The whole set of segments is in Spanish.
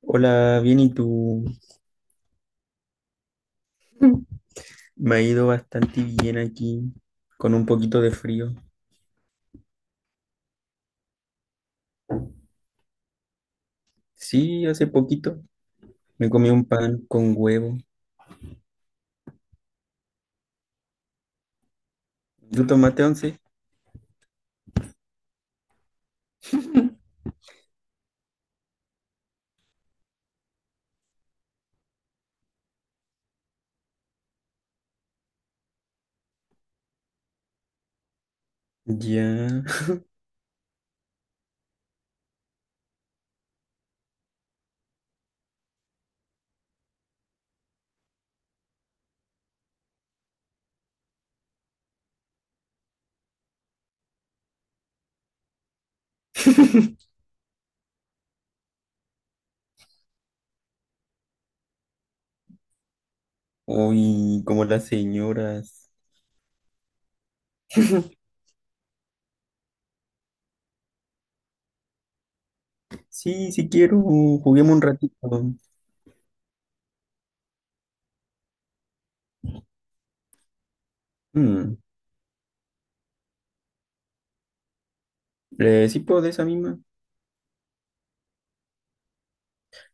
Hola, bien, ¿y tú? Me ha ido bastante bien aquí, con un poquito de frío. Sí, hace poquito me comí un pan con huevo. ¿Tú tomaste once? Ya. Uy, como las señoras. Sí, si quiero, juguemos un ratito. Mm, sí, puedo de esa misma.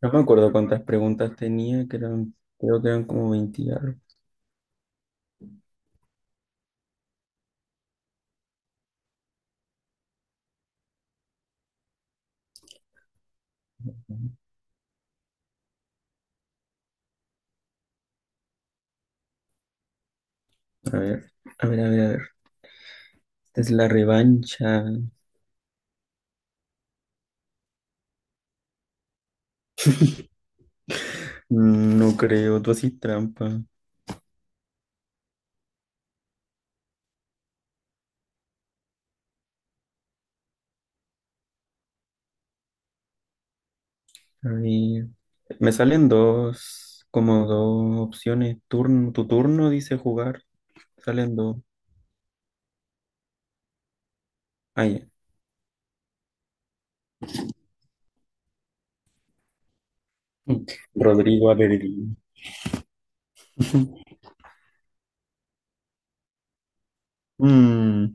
No me acuerdo cuántas preguntas tenía, que eran, creo que eran como 20 y algo. A ver, a ver, a ver, a ver. Esta es la revancha. No creo, tú haces trampa. A ver. Me salen dos, como dos opciones. Turno, tu turno dice jugar. Salen dos. Ah, ya. Rodrigo Aberdeen. Mm,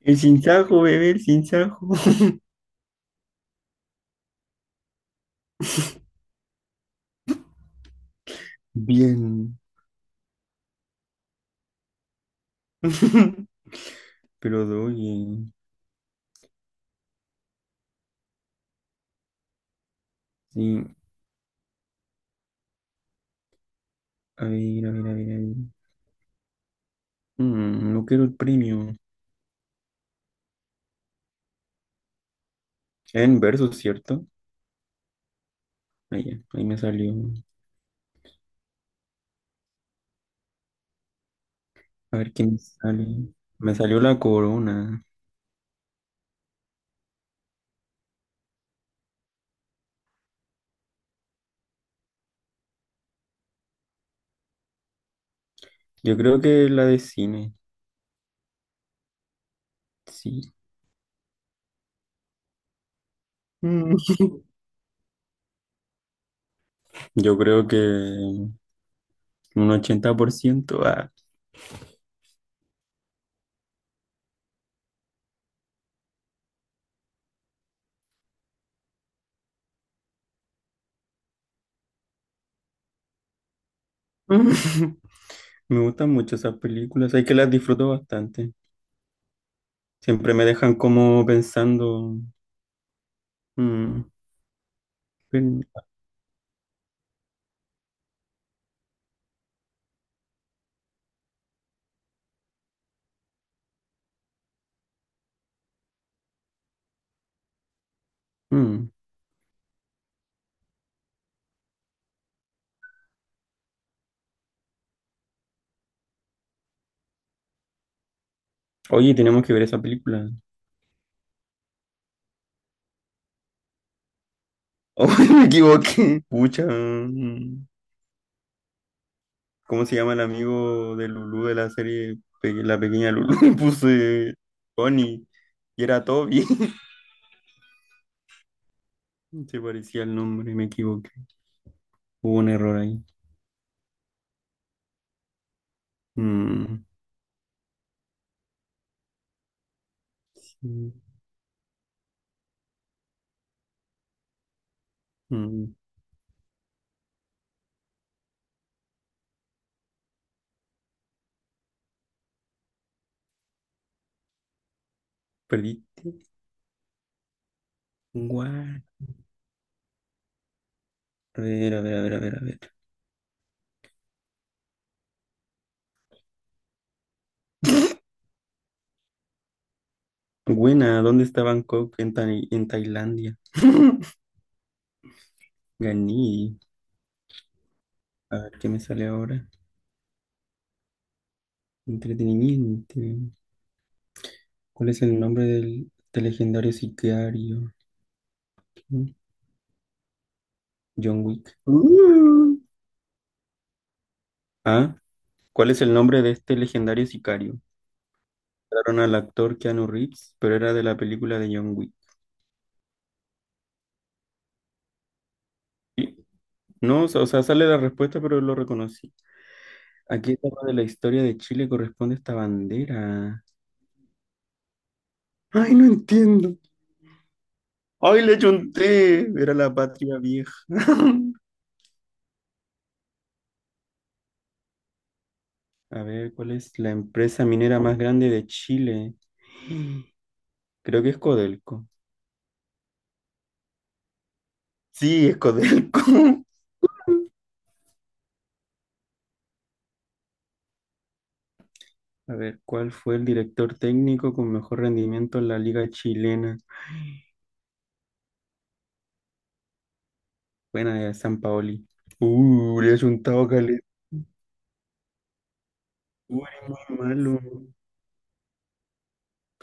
el sinsajo, bebé, el sinsajo. Bien. Pero doy bien. Sí. A ver, a ver, a ver, a ver. No quiero el premio. En verso, ¿cierto? Ahí, ya, ahí me salió. A ver qué me sale. Me salió la corona. Yo creo que la de cine. Sí. Mm. Yo creo que un 80%. Ah. Me gustan mucho esas películas, hay que las disfruto bastante. Siempre me dejan como pensando, mm, pero- mm, oye, tenemos que ver esa película. Oh, me equivoqué. Pucha, ¿cómo se llama el amigo de Lulú de la serie La Pequeña Lulú? Puse Tony y era Toby. Se parecía el nombre, me equivoqué. Hubo un error ahí. Mm, sí, mm, perdí. Guau. A ver, a ver, a ver, a ver, a ver. Buena, ¿dónde está Bangkok? En Tailandia. Ganí. A ver, ¿qué me sale ahora? Entretenimiento. ¿Cuál es el nombre del legendario sicario? ¿Quién? John Wick. Ah, ¿cuál es el nombre de este legendario sicario? Mataron al actor Keanu Reeves, pero era de la película de John Wick. Sí. No, o sea, sale la respuesta, pero lo reconocí. ¿A qué etapa de la historia de Chile corresponde esta bandera? Ay, no entiendo. ¡Ay, le chunté! Era la patria vieja. A ver, ¿cuál es la empresa minera más grande de Chile? Creo que es Codelco. Sí, es Codelco. A ver, ¿cuál fue el director técnico con mejor rendimiento en la liga chilena? Buena de San Paoli. Le ha juntado caleta. Uy, muy malo.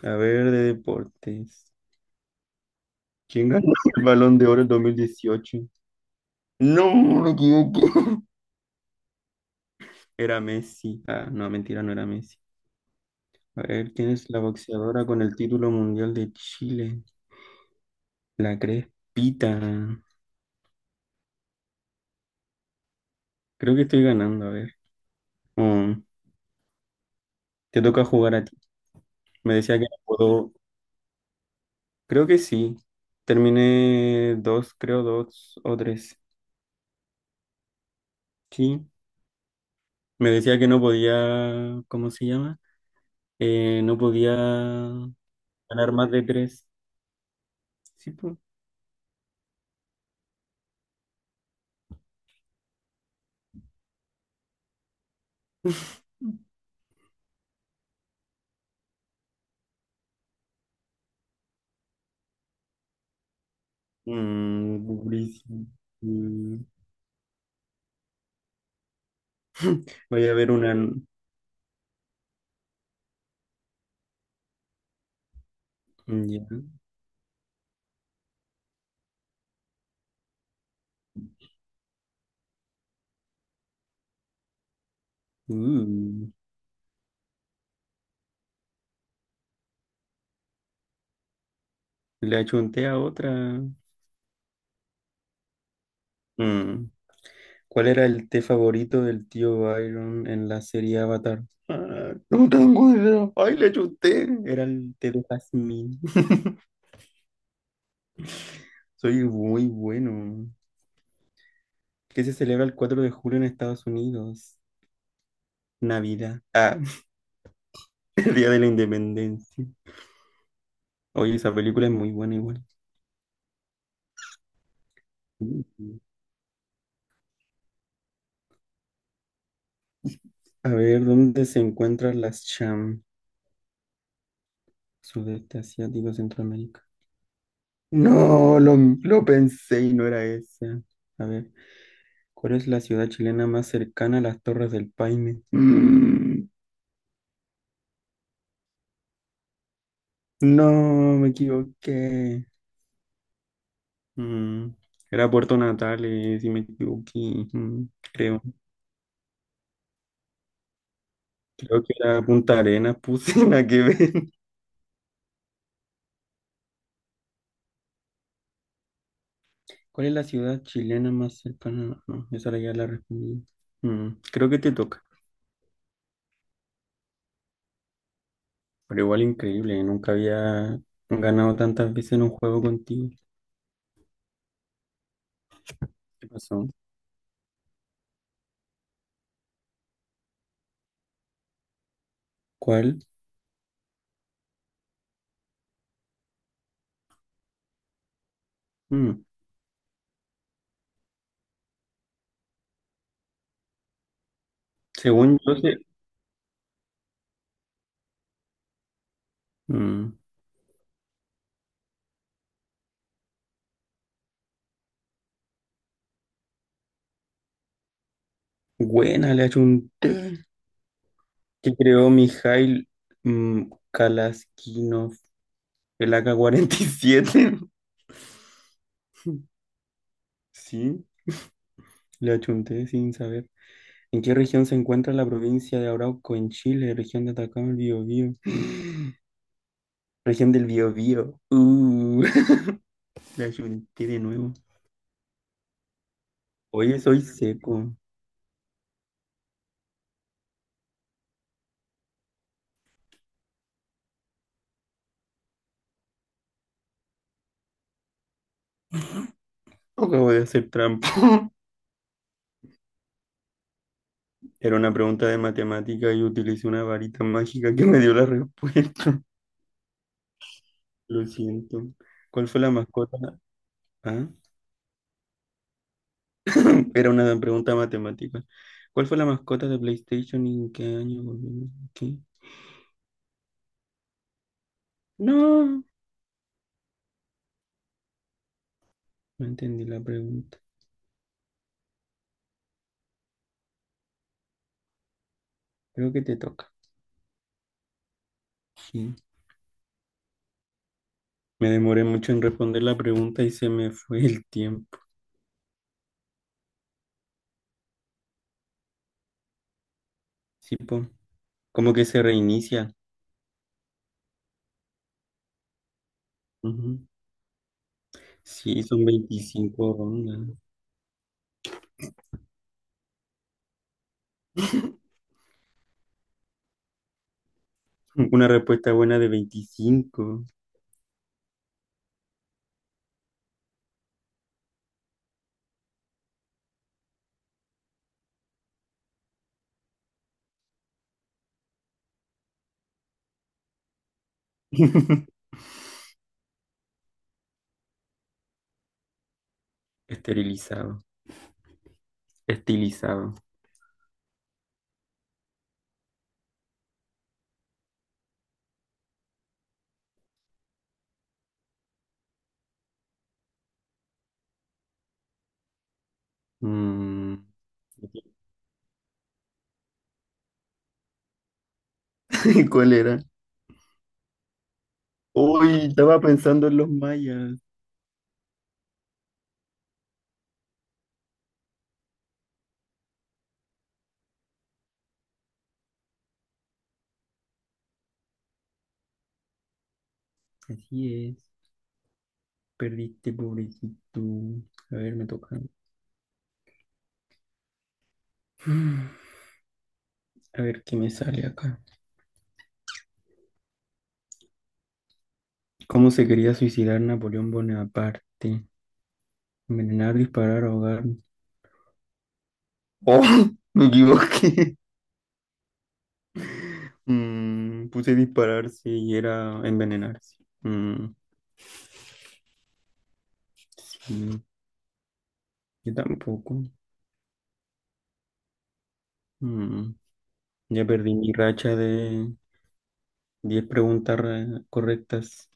A ver, de deportes. ¿Quién ganó el Balón de Oro en 2018? No, me equivoqué. Era Messi. Ah, no, mentira, no era Messi. A ver, ¿quién es la boxeadora con el título mundial de Chile? La Crespita. Creo que estoy ganando, a ver. Mm, te toca jugar a ti. Me decía que no puedo. Creo que sí. Terminé dos, creo, dos o tres. Sí. Me decía que no podía. ¿Cómo se llama? No podía ganar más de tres. Sí, pues. Durísimo. Mm, Voy a ver una. Ya. Uh, le achunté a otra. Mm. ¿Cuál era el té favorito del tío Byron en la serie Avatar? Ah, no tengo idea. Ay, le chuté. Era el té de jazmín. Soy muy bueno. ¿Qué se celebra el 4 de julio en Estados Unidos? Navidad. Ah, el Día de la Independencia. Oye, esa película es muy buena igual. Mm. A ver, ¿dónde se encuentran las Cham? Sudeste Asiático, Centroamérica. No, lo pensé y no era esa. A ver, ¿cuál es la ciudad chilena más cercana a las Torres del Paine? No, me equivoqué. Mm, Era Puerto Natales, si me equivoqué, creo. Creo que era Punta Arenas, puse la que ven. ¿Cuál es la ciudad chilena más cercana? No, esa la ya la respondí. Creo que te toca. Pero igual increíble, nunca había ganado tantas veces en un juego contigo. ¿Qué pasó? ¿Cuál? Mm, Según yo, se. mm, Buena, le ha hecho un que creó Mijail, Kalaskinov, el AK-47. Sí, le achunté sin saber. ¿En qué región se encuentra la provincia de Arauco en Chile? Región de Atacama, el Biobío. Región del Biobío. Le achunté de nuevo. Oye, soy seco. Acabo de hacer trampa. Era una pregunta de matemática y utilicé una varita mágica que me dio la respuesta. Lo siento. ¿Cuál fue la mascota? Ah, era una pregunta matemática. ¿Cuál fue la mascota de PlayStation y en qué año volvió? ¿Qué? No, no entendí la pregunta. Creo que te toca. Sí. Me demoré mucho en responder la pregunta y se me fue el tiempo. Sí, po. Como que se reinicia. Ujú. Sí, son 25 rondas. Una respuesta buena de 25. Esterilizado. Estilizado. Mm. ¿Cuál era? Uy, estaba pensando en los mayas. Así es. Perdiste, pobrecito. A ver, me toca. A ver qué me sale acá. ¿Cómo se quería suicidar Napoleón Bonaparte? Envenenar, disparar, ahogar. ¡Oh! Me equivoqué. Puse dispararse y era envenenarse. Mm, sí, yo tampoco. Mm, ya perdí mi racha de 10 preguntas correctas.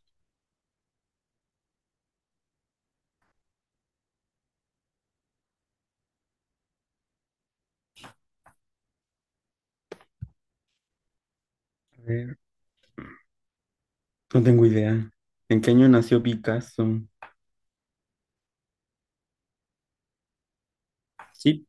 A ver, no tengo idea. ¿En qué año nació Picasso? Sí.